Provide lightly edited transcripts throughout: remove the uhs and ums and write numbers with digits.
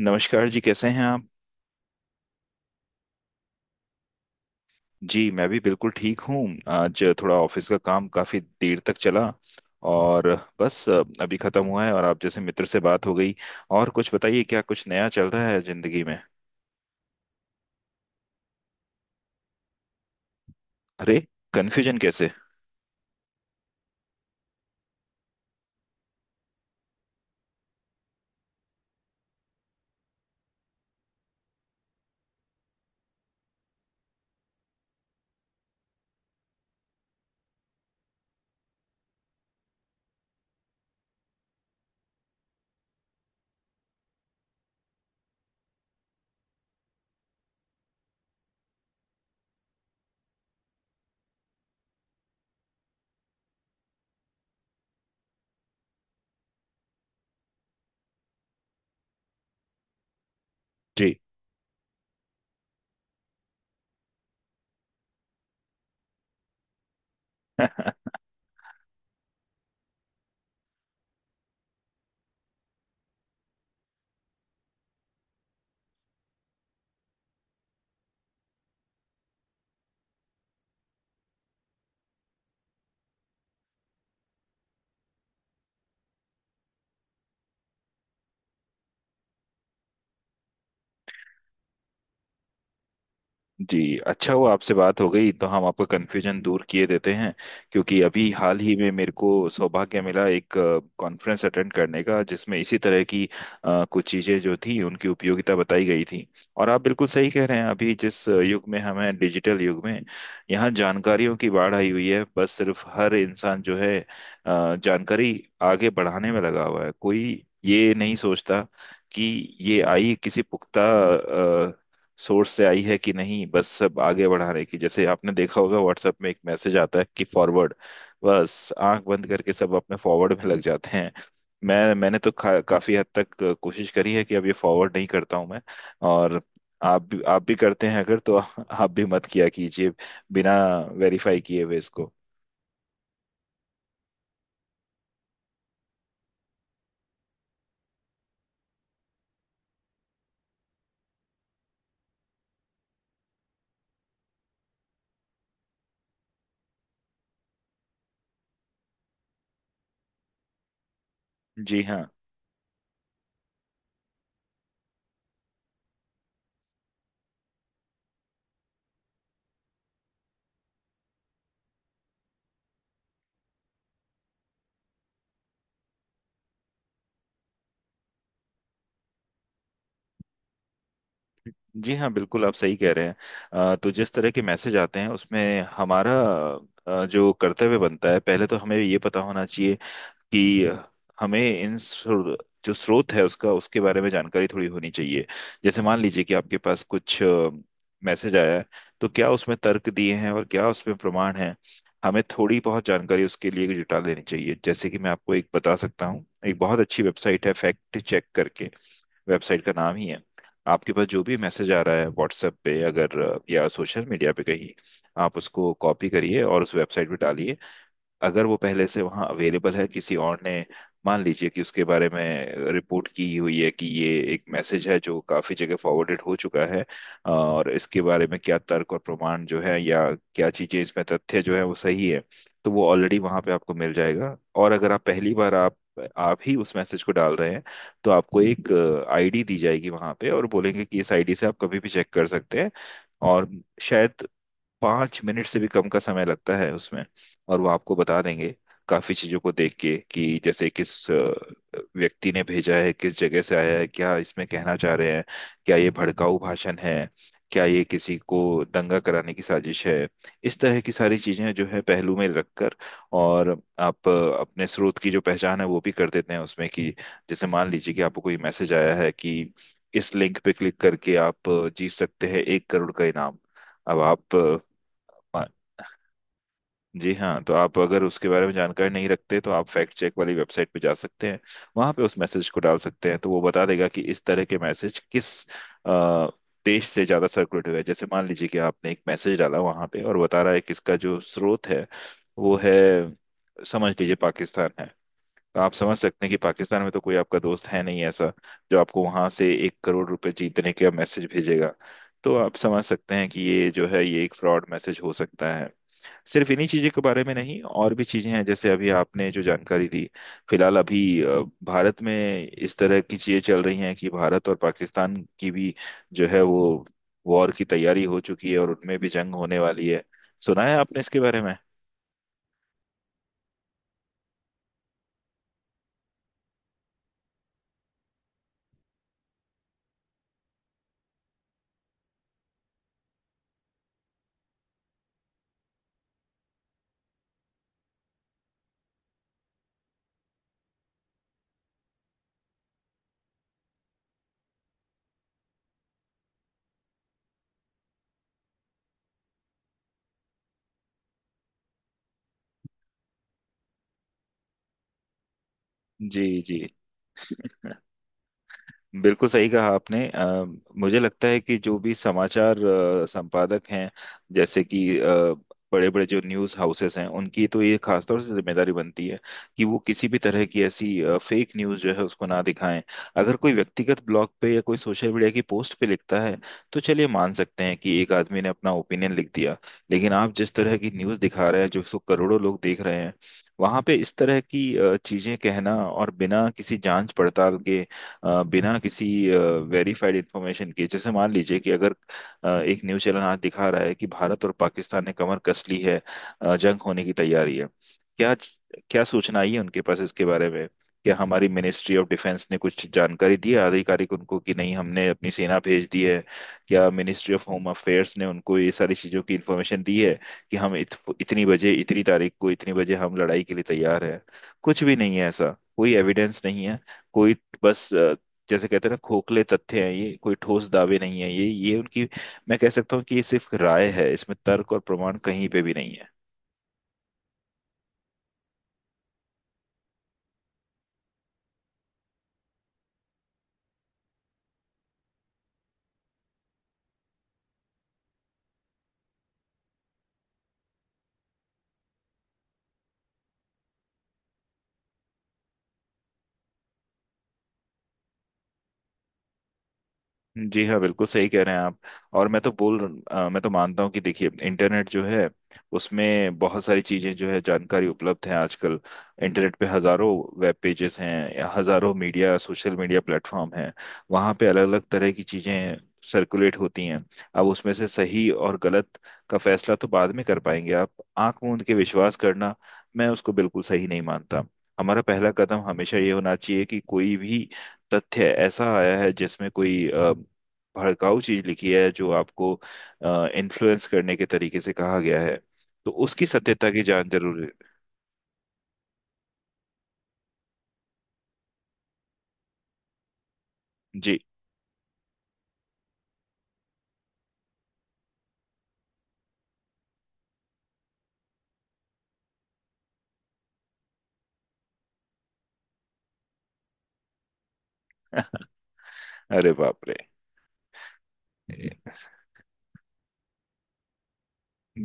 नमस्कार जी, कैसे हैं आप? जी, मैं भी बिल्कुल ठीक हूँ। आज थोड़ा ऑफिस का काम काफी देर तक चला, और बस अभी खत्म हुआ है और आप जैसे मित्र से बात हो गई। और कुछ बताइए, क्या कुछ नया चल रहा है जिंदगी में? अरे, कन्फ्यूजन कैसे? जी जी, अच्छा हुआ आपसे बात हो गई तो हम आपका कन्फ्यूजन दूर किए देते हैं। क्योंकि अभी हाल ही में मेरे को सौभाग्य मिला एक कॉन्फ्रेंस अटेंड करने का, जिसमें इसी तरह की कुछ चीज़ें जो थी उनकी उपयोगिता बताई गई थी। और आप बिल्कुल सही कह रहे हैं, अभी जिस युग में हमें, डिजिटल युग में, यहाँ जानकारियों की बाढ़ आई हुई है। बस सिर्फ हर इंसान जो है जानकारी आगे बढ़ाने में लगा हुआ है, कोई ये नहीं सोचता कि ये आई किसी पुख्ता सोर्स से आई है कि नहीं। बस सब आगे बढ़ाने की, जैसे आपने देखा होगा व्हाट्सएप में एक मैसेज आता है कि फॉरवर्ड, बस आंख बंद करके सब अपने फॉरवर्ड में लग जाते हैं। मैंने तो काफी हद तक कोशिश करी है कि अब ये फॉरवर्ड नहीं करता हूं मैं। और आप भी करते हैं अगर तो आप भी मत किया कीजिए, बिना वेरीफाई किए हुए इसको। जी हाँ, जी हाँ बिल्कुल आप सही कह रहे हैं। तो जिस तरह के मैसेज आते हैं उसमें हमारा जो कर्तव्य बनता है, पहले तो हमें ये पता होना चाहिए कि हमें जो स्रोत है उसका, उसके बारे में जानकारी थोड़ी होनी चाहिए। जैसे मान लीजिए कि आपके पास कुछ मैसेज आया है, तो क्या उसमें तर्क दिए हैं और क्या उसमें प्रमाण है। हमें थोड़ी बहुत जानकारी उसके लिए जुटा लेनी चाहिए। जैसे कि मैं आपको एक बता सकता हूँ, एक बहुत अच्छी वेबसाइट है फैक्ट चेक करके। वेबसाइट का नाम ही है। आपके पास जो भी मैसेज आ रहा है व्हाट्सएप पे अगर, या सोशल मीडिया पे कहीं, आप उसको कॉपी करिए और उस वेबसाइट पे डालिए। अगर वो पहले से वहाँ अवेलेबल है, किसी और ने मान लीजिए कि उसके बारे में रिपोर्ट की हुई है कि ये एक मैसेज है जो काफी जगह फॉरवर्डेड हो चुका है और इसके बारे में क्या तर्क और प्रमाण जो है, या क्या चीजें इसमें तथ्य जो है वो सही है, तो वो ऑलरेडी वहाँ पे आपको मिल जाएगा। और अगर आप पहली बार, आप ही उस मैसेज को डाल रहे हैं, तो आपको एक आईडी दी जाएगी वहाँ पे और बोलेंगे कि इस आईडी से आप कभी भी चेक कर सकते हैं। और शायद 5 मिनट से भी कम का समय लगता है उसमें। और वो आपको बता देंगे, काफी चीजों को देख के, कि जैसे किस व्यक्ति ने भेजा है, किस जगह से आया है, क्या इसमें कहना चाह रहे हैं, क्या ये भड़काऊ भाषण है, क्या ये किसी को दंगा कराने की साजिश है, इस तरह की सारी चीजें जो है पहलू में रखकर। और आप अपने स्रोत की जो पहचान है वो भी कर देते हैं उसमें कि जैसे मान लीजिए कि आपको कोई मैसेज आया है कि इस लिंक पे क्लिक करके आप जीत सकते हैं 1 करोड़ का इनाम। अब आप हाँ, जी हाँ, तो आप अगर उसके बारे में जानकारी नहीं रखते तो आप फैक्ट चेक वाली वेबसाइट पे जा सकते हैं। वहां पे उस मैसेज को डाल सकते हैं तो वो बता देगा कि इस तरह के मैसेज किस अ, देश से ज्यादा सर्कुलेट हुए हैं। जैसे मान लीजिए कि आपने एक मैसेज डाला वहां पे और बता रहा है कि इसका जो स्रोत है वो है, समझ लीजिए पाकिस्तान है, तो आप समझ सकते हैं कि पाकिस्तान में तो कोई आपका दोस्त है नहीं ऐसा जो आपको वहां से 1 करोड़ रुपए जीतने का मैसेज भेजेगा। तो आप समझ सकते हैं कि ये जो है, ये एक फ्रॉड मैसेज हो सकता है। सिर्फ इन्हीं चीज़ों के बारे में नहीं, और भी चीज़ें हैं जैसे अभी आपने जो जानकारी दी। फिलहाल अभी भारत में इस तरह की चीज़ें चल रही हैं कि भारत और पाकिस्तान की भी जो है वो वॉर की तैयारी हो चुकी है और उनमें भी जंग होने वाली है। सुना है आपने इसके बारे में? जी, जी बिल्कुल सही कहा आपने। मुझे लगता है कि जो भी समाचार संपादक हैं, जैसे कि बड़े बड़े जो न्यूज़ हाउसेस हैं, उनकी तो ये खासतौर से जिम्मेदारी बनती है कि वो किसी भी तरह की ऐसी फेक न्यूज़ जो है उसको ना दिखाएं। अगर कोई व्यक्तिगत ब्लॉग पे या कोई सोशल मीडिया की पोस्ट पे लिखता है, तो चलिए मान सकते हैं कि एक आदमी ने अपना ओपिनियन लिख दिया। लेकिन आप जिस तरह की न्यूज़ दिखा रहे हैं जो उसको करोड़ों लोग देख रहे हैं, वहां पे इस तरह की चीजें कहना और बिना किसी जांच पड़ताल के, बिना किसी वेरीफाइड इंफॉर्मेशन के, जैसे मान लीजिए कि अगर एक न्यूज़ चैनल आज दिखा रहा है कि भारत और पाकिस्तान ने कमर कस ली है, जंग होने की तैयारी है, क्या क्या सूचना आई है उनके पास इसके बारे में? क्या हमारी मिनिस्ट्री ऑफ डिफेंस ने कुछ जानकारी दी है आधिकारिक, उनको कि नहीं हमने अपनी सेना भेज दी है? क्या मिनिस्ट्री ऑफ होम अफेयर्स ने उनको ये सारी चीज़ों की इन्फॉर्मेशन दी है कि हम इतनी बजे इतनी तारीख को इतनी बजे हम लड़ाई के लिए तैयार हैं? कुछ भी नहीं है ऐसा, कोई एविडेंस नहीं है, कोई, बस, जैसे कहते हैं ना, खोखले तथ्य हैं ये, कोई ठोस दावे नहीं है ये उनकी, मैं कह सकता हूँ कि ये सिर्फ राय है, इसमें तर्क और प्रमाण कहीं पे भी नहीं है। जी हाँ बिल्कुल सही कह रहे हैं आप। और मैं तो बोल मैं तो मानता हूँ कि देखिए इंटरनेट जो है उसमें बहुत सारी चीजें जो है, जानकारी उपलब्ध है आजकल। इंटरनेट पे हजारों वेब पेजेस हैं, हजारों मीडिया, सोशल मीडिया प्लेटफॉर्म हैं, वहाँ पे अलग अलग तरह की चीजें सर्कुलेट होती हैं। अब उसमें से सही और गलत का फैसला तो बाद में कर पाएंगे आप। आंख मूंद के विश्वास करना, मैं उसको बिल्कुल सही नहीं मानता। हमारा पहला कदम हमेशा ये होना चाहिए कि कोई भी तथ्य ऐसा आया है जिसमें कोई भड़काऊ चीज लिखी है, जो आपको इन्फ्लुएंस करने के तरीके से कहा गया है, तो उसकी सत्यता की जान जरूर है। जी अरे बाप रे।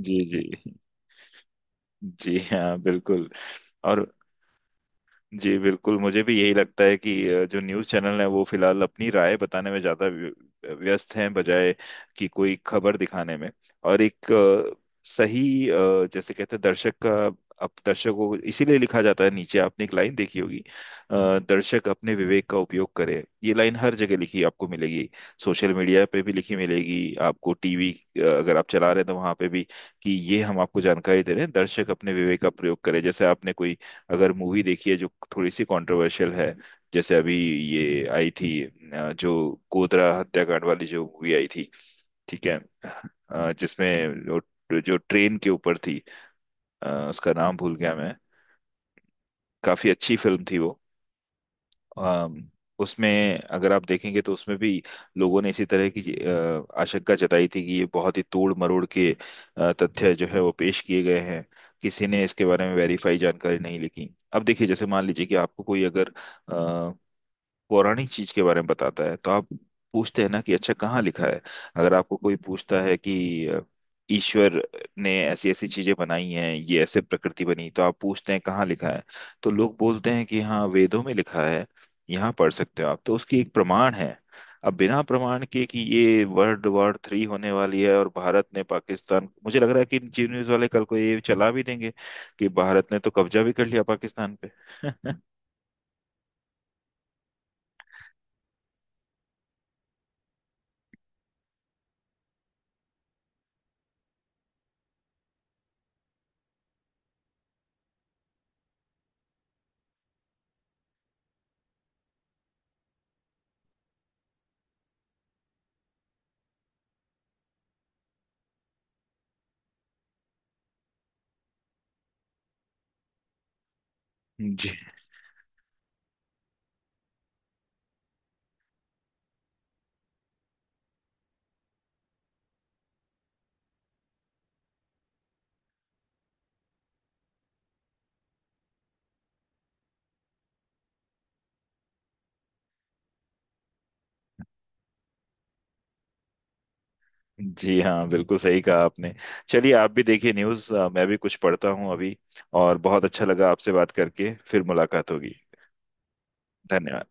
जी जी। जी हाँ बिल्कुल। और जी बिल्कुल, मुझे भी यही लगता है कि जो न्यूज़ चैनल है वो फिलहाल अपनी राय बताने में ज़्यादा व्यस्त हैं, बजाय कि कोई खबर दिखाने में। और एक सही जैसे कहते हैं दर्शक का, अब दर्शक को इसीलिए लिखा जाता है, नीचे आपने एक लाइन देखी होगी दर्शक अपने विवेक का उपयोग करे, ये लाइन हर जगह लिखी आपको मिलेगी। सोशल मीडिया पे भी लिखी मिलेगी आपको, टीवी अगर आप चला रहे हैं तो वहां पे भी, कि ये हम आपको जानकारी दे रहे हैं, दर्शक अपने विवेक का प्रयोग करें। जैसे आपने कोई अगर मूवी देखी है जो थोड़ी सी कंट्रोवर्शियल है, जैसे अभी ये आई थी जो गोधरा हत्याकांड वाली जो मूवी आई थी, ठीक है, जिसमें जो ट्रेन के ऊपर थी, उसका नाम भूल गया मैं। काफी अच्छी फिल्म थी वो। अम, उसमें अगर आप देखेंगे तो उसमें भी लोगों ने इसी तरह की आशंका जताई थी कि ये बहुत ही तोड़ मरोड़ के तथ्य जो है वो पेश किए गए हैं। किसी ने इसके बारे में वेरीफाई जानकारी नहीं लिखी। अब देखिए जैसे मान लीजिए कि आपको कोई अगर पौराणिक चीज के बारे में बताता है तो आप पूछते हैं ना कि अच्छा कहाँ लिखा है। अगर आपको कोई पूछता है कि ईश्वर ने ऐसी ऐसी चीजें बनाई हैं, ये ऐसे प्रकृति बनी, तो आप पूछते हैं कहाँ लिखा है। तो लोग बोलते हैं कि हाँ वेदों में लिखा है, यहाँ पढ़ सकते हो आप, तो उसकी एक प्रमाण है। अब बिना प्रमाण के कि ये वर्ल्ड वॉर थ्री होने वाली है और भारत ने पाकिस्तान, मुझे लग रहा है कि जी न्यूज वाले कल को ये चला भी देंगे कि भारत ने तो कब्जा भी कर लिया पाकिस्तान पे। जी, जी हाँ बिल्कुल सही कहा आपने। चलिए आप भी देखिए न्यूज़, मैं भी कुछ पढ़ता हूँ अभी। और बहुत अच्छा लगा आपसे बात करके, फिर मुलाकात होगी। धन्यवाद।